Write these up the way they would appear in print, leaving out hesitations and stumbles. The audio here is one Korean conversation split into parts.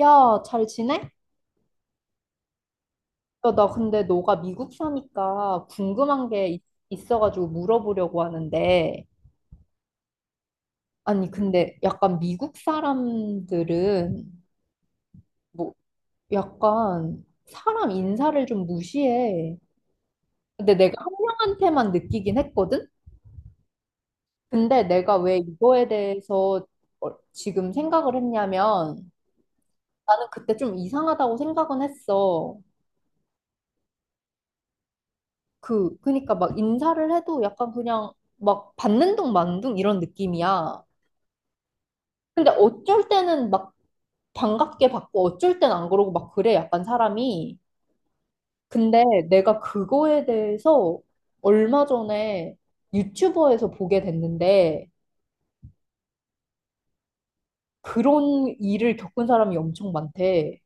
야, 잘 지내? 야, 나 근데 너가 미국 사니까 궁금한 게 있어가지고 물어보려고 하는데, 아니, 근데 약간 미국 사람들은 뭐 약간 사람 인사를 좀 무시해. 근데 내가 한 명한테만 느끼긴 했거든? 근데 내가 왜 이거에 대해서 지금 생각을 했냐면, 나는 그때 좀 이상하다고 생각은 했어. 그니까 막 인사를 해도 약간 그냥 막 받는 둥 마는 둥 이런 느낌이야. 근데 어쩔 때는 막 반갑게 받고 어쩔 땐 안 그러고 막 그래, 약간 사람이. 근데 내가 그거에 대해서 얼마 전에 유튜버에서 보게 됐는데 그런 일을 겪은 사람이 엄청 많대.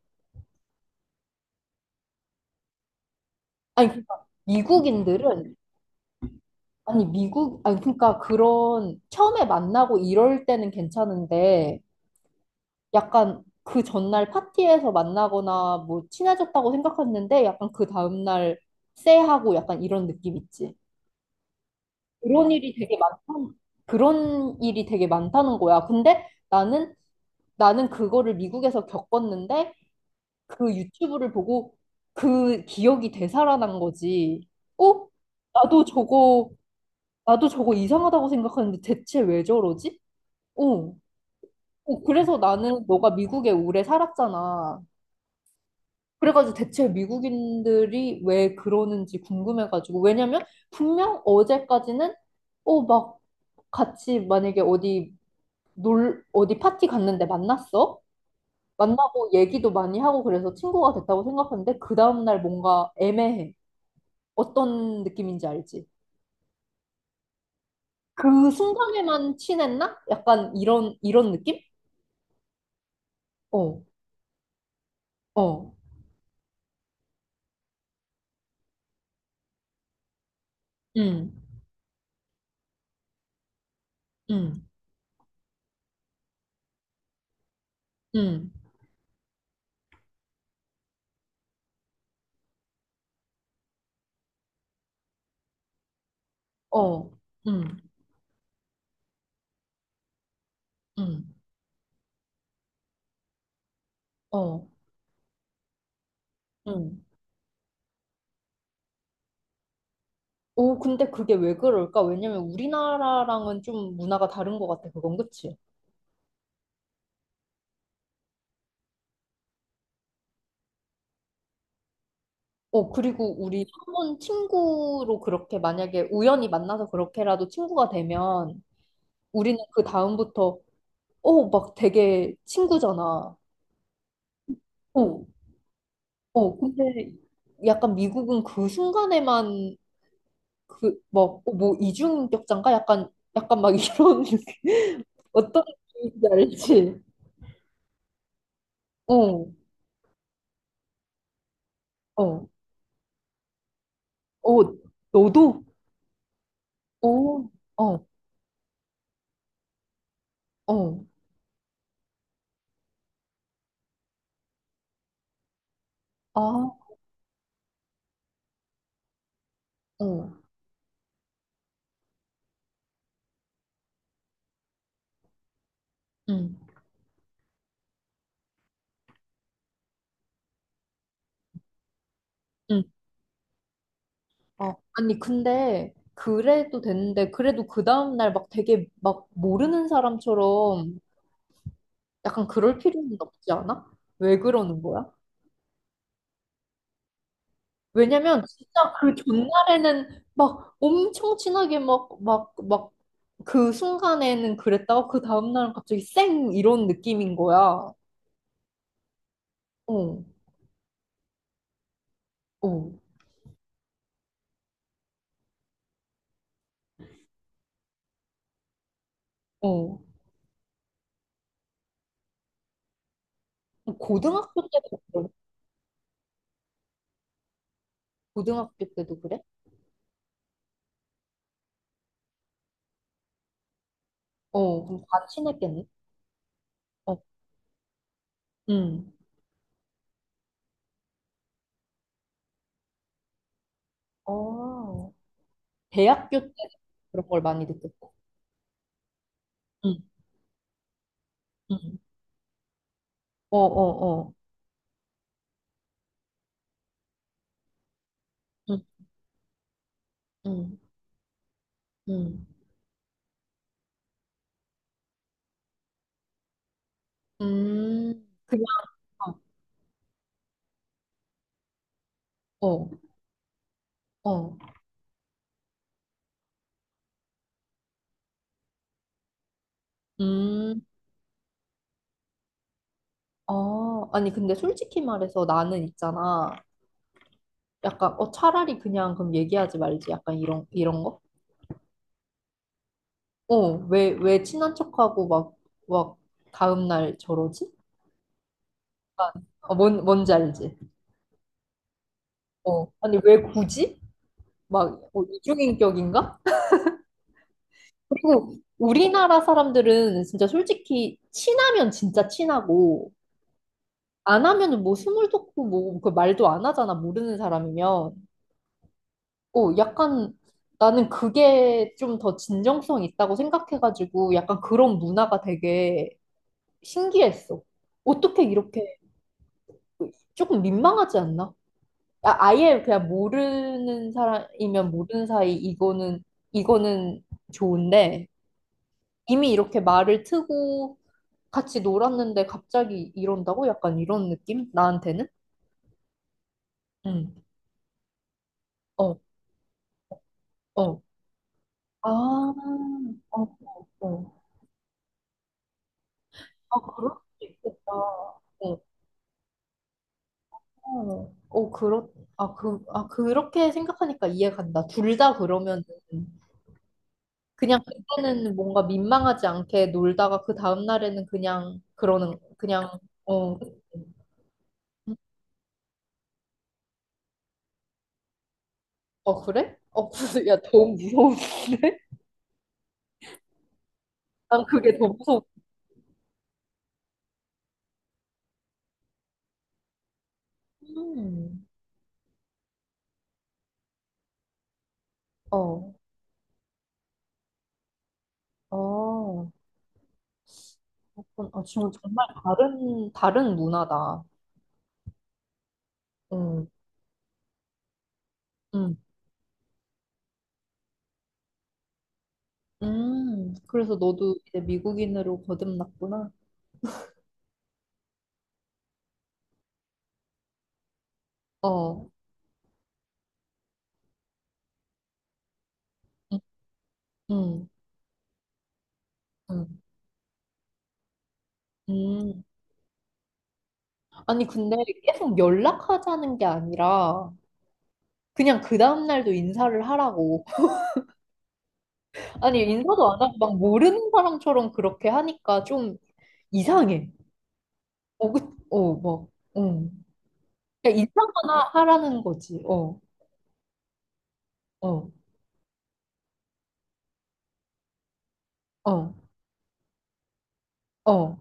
아니, 그러니까 미국인들은 아니 미국 아니 그러니까 그런 처음에 만나고 이럴 때는 괜찮은데 약간 그 전날 파티에서 만나거나 뭐 친해졌다고 생각했는데 약간 그 다음날 쎄하고 약간 이런 느낌 있지. 그런 일이 되게 많다. 그런 일이 되게 많다는 거야. 근데 나는 그거를 미국에서 겪었는데 그 유튜브를 보고 그 기억이 되살아난 거지. 어? 나도 저거 나도 저거 이상하다고 생각하는데 대체 왜 저러지? 어. 어, 그래서 나는 너가 미국에 오래 살았잖아. 그래가지고 대체 미국인들이 왜 그러는지 궁금해가지고 왜냐면 분명 어제까지는 막 같이 만약에 어디 놀 어디 파티 갔는데 만났어 만나고 얘기도 많이 하고 그래서 친구가 됐다고 생각하는데 그 다음날 뭔가 애매해 어떤 느낌인지 알지? 그 순간에만 친했나? 약간 이런 느낌? 어, 어, 음, 음, 음, 어, 음, 음, 어, 음. 오, 근데 그게 왜 그럴까? 왜냐면 우리나라랑은 좀 문화가 다른 것 같아, 그건 그치? 어, 그리고 우리 한번 친구로 그렇게 만약에 우연히 만나서 그렇게라도 친구가 되면 우리는 그 다음부터, 막 되게 친구잖아. 어, 어, 근데 약간 미국은 그 순간에만 그, 막, 뭐, 이중인격자인가? 약간 막 이런, 어떤 느낌인지 알지? 어, 어, 어, 너도? 어, 어. 어, 아, 어, 응, 응. 아, 아니, 근데, 그래도 됐는데, 그래도 그 다음날 막 되게 막 모르는 사람처럼 약간 그럴 필요는 없지 않아? 왜 그러는 거야? 왜냐면, 진짜 그 전날에는 막 엄청 친하게 막, 그 순간에는 그랬다가 그 다음날은 갑자기 쌩! 이런 느낌인 거야. 어, 어, 어. 고등학교 때도 그래? 고등학교 때도 그래? 어, 그럼 다 친했겠네? 어. 음. 어, 대학교 때 그런 걸 많이 느꼈고. 응. 응. 어, 어, 어. 응. 응. 응. 그냥 어. 어. 음. 아, 아니 근데 솔직히 말해서 나는 있잖아. 약간 차라리 그냥 그럼 얘기하지 말지. 약간 이런 거? 어. 왜 친한 척하고 막 다음 날 저러지? 약간 뭔 뭔지 알지? 어. 아니 왜 굳이? 막 이중인격인가? 그리고 우리나라 사람들은 진짜 솔직히 친하면 진짜 친하고 안 하면은 뭐 스물 돋고 뭐그 말도 안 하잖아 모르는 사람이면 약간 나는 그게 좀 더 진정성 있다고 생각해가지고 약간 그런 문화가 되게 신기했어 어떻게 이렇게 조금 민망하지 않나? 아, 아예 그냥 모르는 사람이면 모르는 사이 이거는 좋은데 이미 이렇게 말을 트고 같이 놀았는데 갑자기 이런다고? 약간 이런 느낌? 나한테는? 응. 어, 어. 아, 어, 어. 아, 그럴 수도 있겠다. 어, 어, 어, 그렇, 아, 그, 아, 그렇게 생각하니까 이해간다. 둘 다 그러면은, 그냥 그때는 뭔가 민망하지 않게 놀다가 그 다음날에는 그냥, 그러는, 그냥, 어, 어, 그래? 어, 무슨, 야, 너무 무서운데? 난 그게 더 무서워. 음, 어, 어. 아, 지금 정말 다른 문화다. 응, 응, 그래서 너도 이제 미국인으로 거듭났구나. 어, 응, 응, 음. 음. 아니, 근데 계속 연락하자는 게 아니라, 그냥 그 다음날도 인사를 하라고. 아니, 인사도 안 하고 막 모르는 사람처럼 그렇게 하니까 좀 이상해. 어, 그, 어, 막, 응. 그냥 인사만 하라는 거지. 어, 어, 어, 어.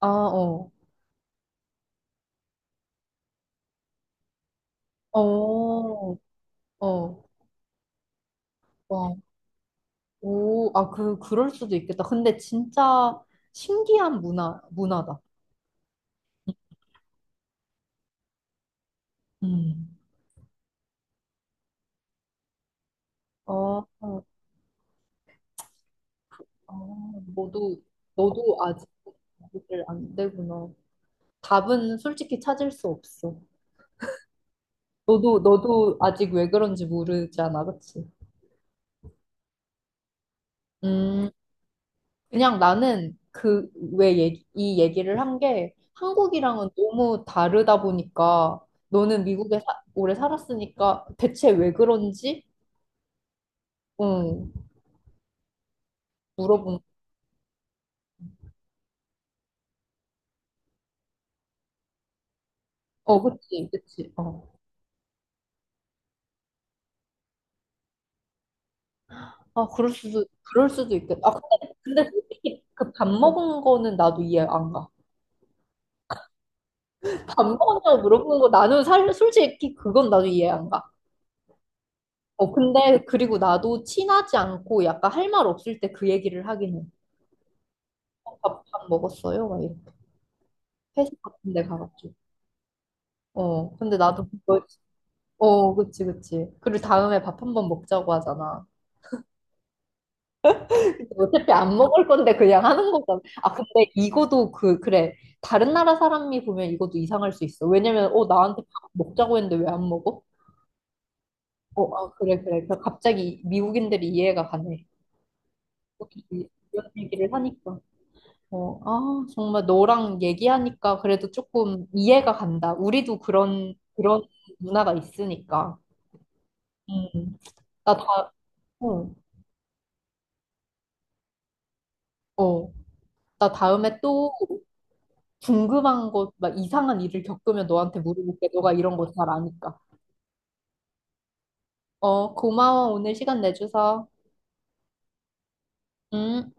아, 어. 어, 어, 와, 오, 아, 그럴 수도 있겠다. 근데 진짜 신기한 문화다. 음. 아, 아, 아, 너도, 너도 아직 답을 안 되구나. 답은 솔직히 찾을 수 없어. 너도 아직 왜 그런지 모르잖아, 그치? 음, 그냥 나는 이 얘기를 한 게 한국이랑은 너무 다르다 보니까 너는 미국에 오래 살았으니까 대체 왜 그런지? 응, 물어본 그치 어아 그럴 수도 있겠다 아 근데 솔직히 그 밥 먹은 거는 나도 이해 안 가 밥 먹었냐고 물어보는 거 나는 살 솔직히 그건 나도 이해 안가어 근데 그리고 나도 친하지 않고 약간 할 말 없을 때 그 얘기를 하긴 해밥밥 먹었어요 막 이렇게 회식 같은 데 가가지고 어 근데 나도 그거 어 그치 그리고 다음에 밥 한번 먹자고 하잖아 어차피 안 먹을 건데 그냥 하는 거잖아. 아, 근데 이거도 그래. 다른 나라 사람이 보면 이것도 이상할 수 있어. 왜냐면, 나한테 밥 먹자고 했는데 왜 안 먹어? 어, 아, 그래, 그래. 그래서 갑자기 미국인들이 이해가 가네. 이렇게 이런 얘기를 하니까. 어, 아, 정말 너랑 얘기하니까 그래도 조금 이해가 간다. 우리도 그런 문화가 있으니까. 음, 나 다, 어, 어. 나 다음에 또 궁금한 것, 막 이상한 일을 겪으면 너한테 물어볼게. 너가 이런 거 잘 아니까. 어, 고마워. 오늘 시간 내줘서. 응?